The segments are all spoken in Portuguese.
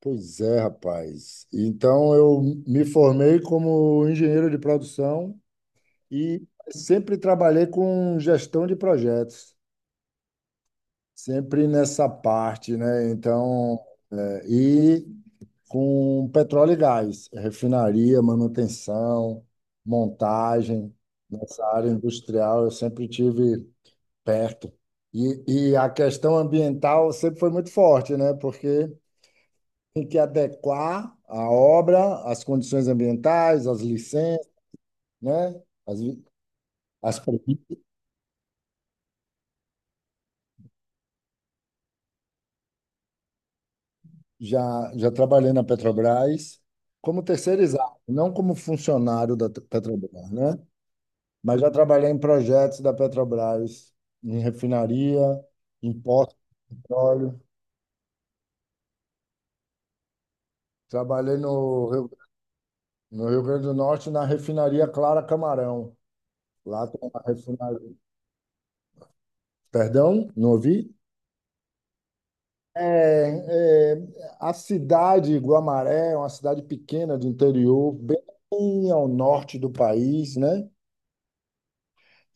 Pois é, rapaz. Então, eu me formei como engenheiro de produção e sempre trabalhei com gestão de projetos, sempre nessa parte, né? Então, e com petróleo e gás, refinaria, manutenção, montagem, nessa área industrial, eu sempre tive perto. E a questão ambiental sempre foi muito forte, né? Porque tem que adequar a obra às condições ambientais, às licenças, né? As, li- as pre- Já trabalhei na Petrobras como terceirizado, não como funcionário da Petrobras, né? Mas já trabalhei em projetos da Petrobras, em refinaria, em poço de petróleo. Trabalhei no Rio, no Rio Grande do Norte, na refinaria Clara Camarão. Lá tem uma refinaria. Perdão, não ouvi? É, é, a cidade Guamaré é uma cidade pequena do interior, bem ao norte do país, né?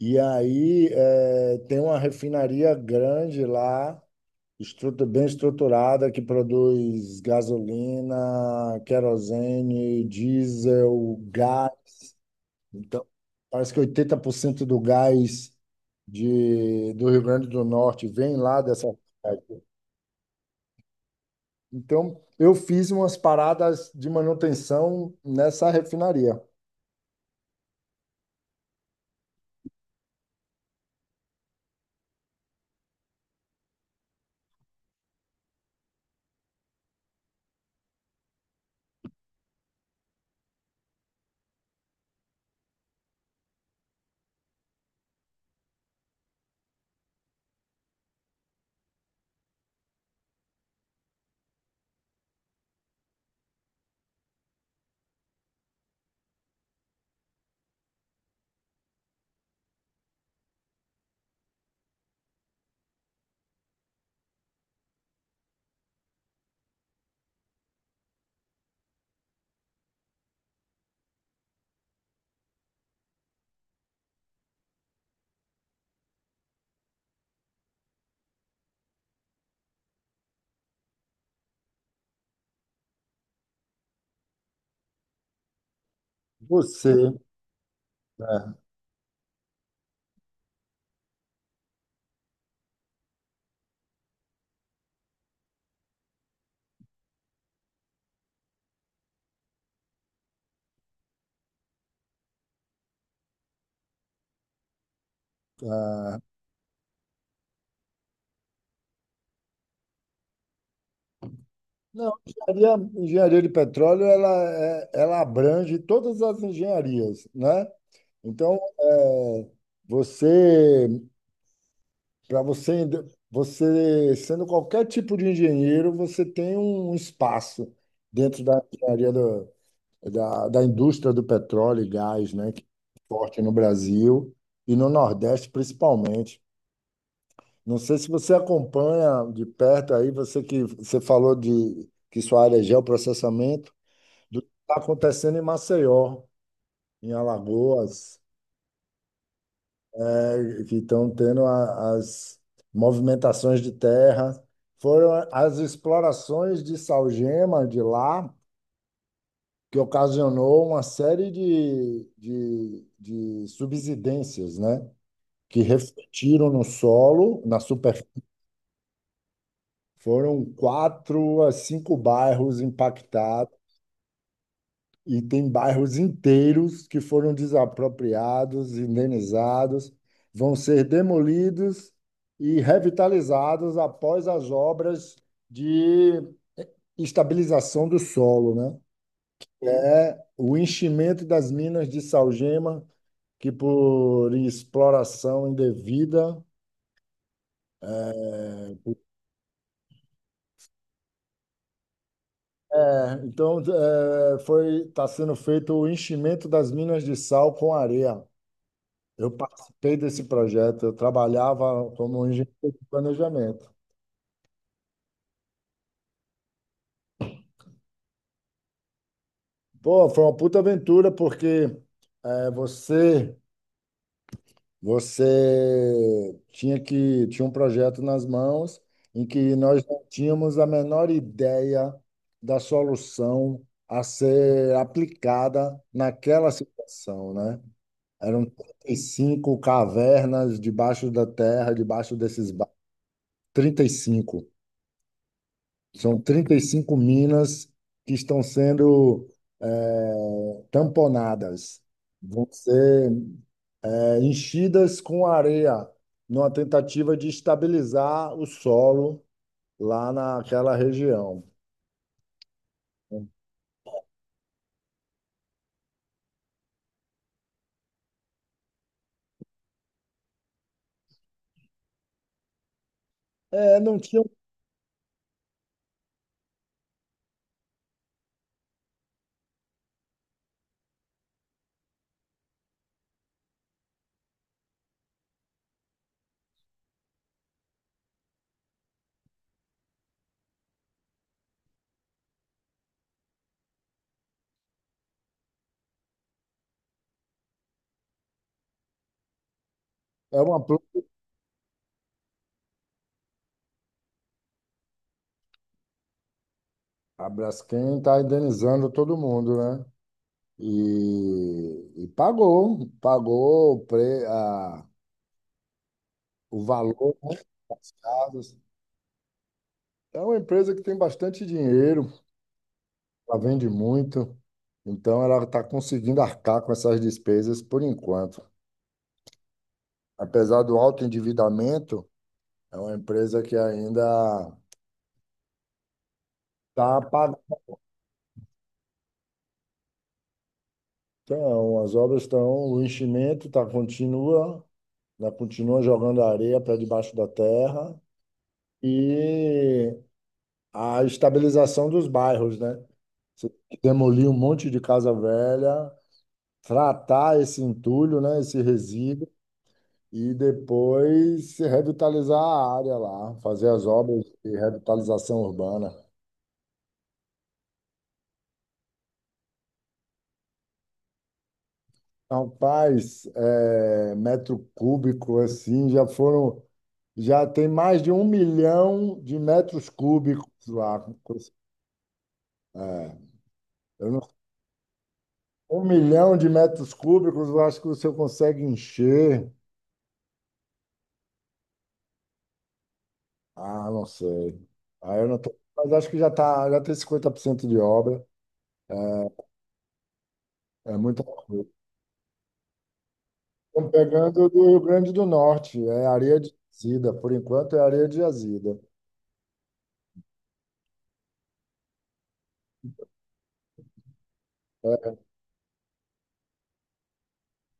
E aí é, tem uma refinaria grande lá, bem estruturada, que produz gasolina, querosene, diesel, gás. Então, parece que 80% do gás do Rio Grande do Norte vem lá dessa. Então, eu fiz umas paradas de manutenção nessa refinaria. Você, né? Não, engenharia de petróleo, ela, ela abrange todas as engenharias, né? Então, é, você, para você, você sendo qualquer tipo de engenheiro, você tem um espaço dentro da da, da indústria do petróleo e gás, né? Que é forte no Brasil e no Nordeste, principalmente. Não sei se você acompanha de perto aí, você que você falou de que sua área é geoprocessamento, do que está acontecendo em Maceió, em Alagoas, né, que estão tendo as movimentações de terra. Foram as explorações de salgema de lá que ocasionou uma série de subsidências, né? Que refletiram no solo, na. Foram quatro a cinco bairros impactados e tem bairros inteiros que foram desapropriados, indenizados, vão ser demolidos e revitalizados após as obras de estabilização do solo, né? É o enchimento das minas de Saugema, que por exploração indevida. É, então, eh, foi está sendo feito o enchimento das minas de sal com areia. Eu participei desse projeto, eu trabalhava como engenheiro de planejamento. Pô, foi uma puta aventura porque é, você tinha um projeto nas mãos em que nós não tínhamos a menor ideia da solução a ser aplicada naquela situação, né? Eram 35 cavernas debaixo da terra, debaixo desses 35. São trinta e cinco minas que estão sendo tamponadas, vão ser enchidas com areia, numa tentativa de estabilizar o solo lá naquela região. É, não tinha. É uma, a Braskem está indenizando todo mundo, né? E pagou, pagou o valor dos casos. É uma empresa que tem bastante dinheiro, ela vende muito, então ela está conseguindo arcar com essas despesas por enquanto. Apesar do alto endividamento, é uma empresa que ainda está pagando. Então, as obras estão, o enchimento tá, continua, né, continua jogando areia para debaixo da terra e a estabilização dos bairros, né? Você tem que demolir um monte de casa velha, tratar esse entulho, né, esse resíduo e depois revitalizar a área lá, fazer as obras de revitalização urbana. Rapaz, é, metro cúbico assim, já foram, já tem mais de um milhão de metros cúbicos lá. É, eu não- um milhão de metros cúbicos, eu acho que você consegue encher. Ah, não sei. Ah, eu não tô, mas acho que já tá, já tem 50% de obra. É muita coisa. Estamos pegando do Rio Grande do Norte, é areia de jazida, por enquanto é areia de jazida.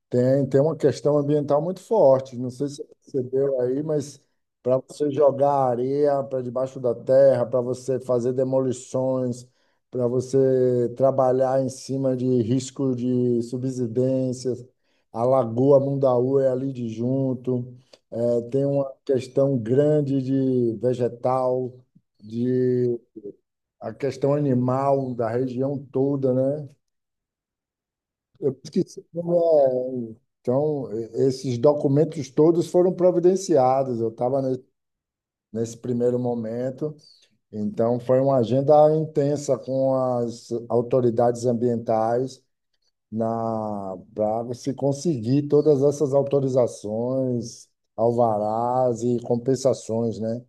Tem, tem uma questão ambiental muito forte, não sei se você percebeu aí, mas para você jogar areia para debaixo da terra, para você fazer demolições, para você trabalhar em cima de risco de subsidências, a Lagoa Mundaú é ali de junto, é, tem uma questão grande de vegetal, a questão animal da região toda, né? Eu esqueci como é. Então, esses documentos todos foram providenciados. Eu estava nesse primeiro momento, então foi uma agenda intensa com as autoridades ambientais na para se conseguir todas essas autorizações, alvarás e compensações, né?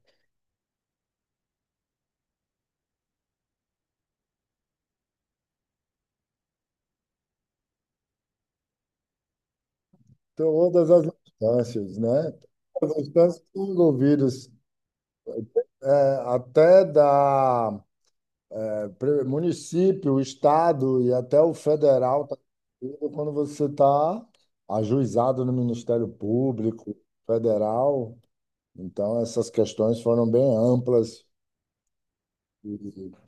Todas as instâncias, né? Todas as instâncias envolvidas, é, até da município, estado e até o federal tá incluído quando você está ajuizado no Ministério Público Federal. Então, essas questões foram bem amplas. E,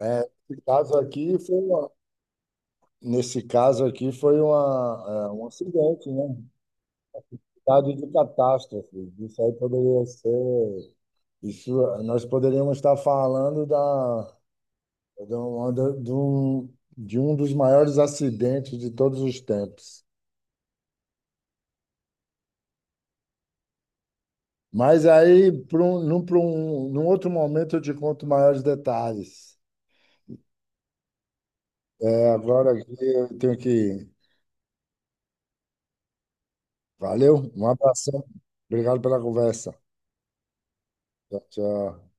é, nesse caso aqui foi uma, é, um acidente, né? Estado de catástrofe. Isso aí poderia ser. Isso, nós poderíamos estar falando da, de um, de um de um dos maiores acidentes de todos os tempos. Mas aí, pra um, num outro momento, eu te conto maiores detalhes. É, agora aqui eu tenho que ir. Valeu, um abração. Obrigado pela conversa. Tchau, tchau.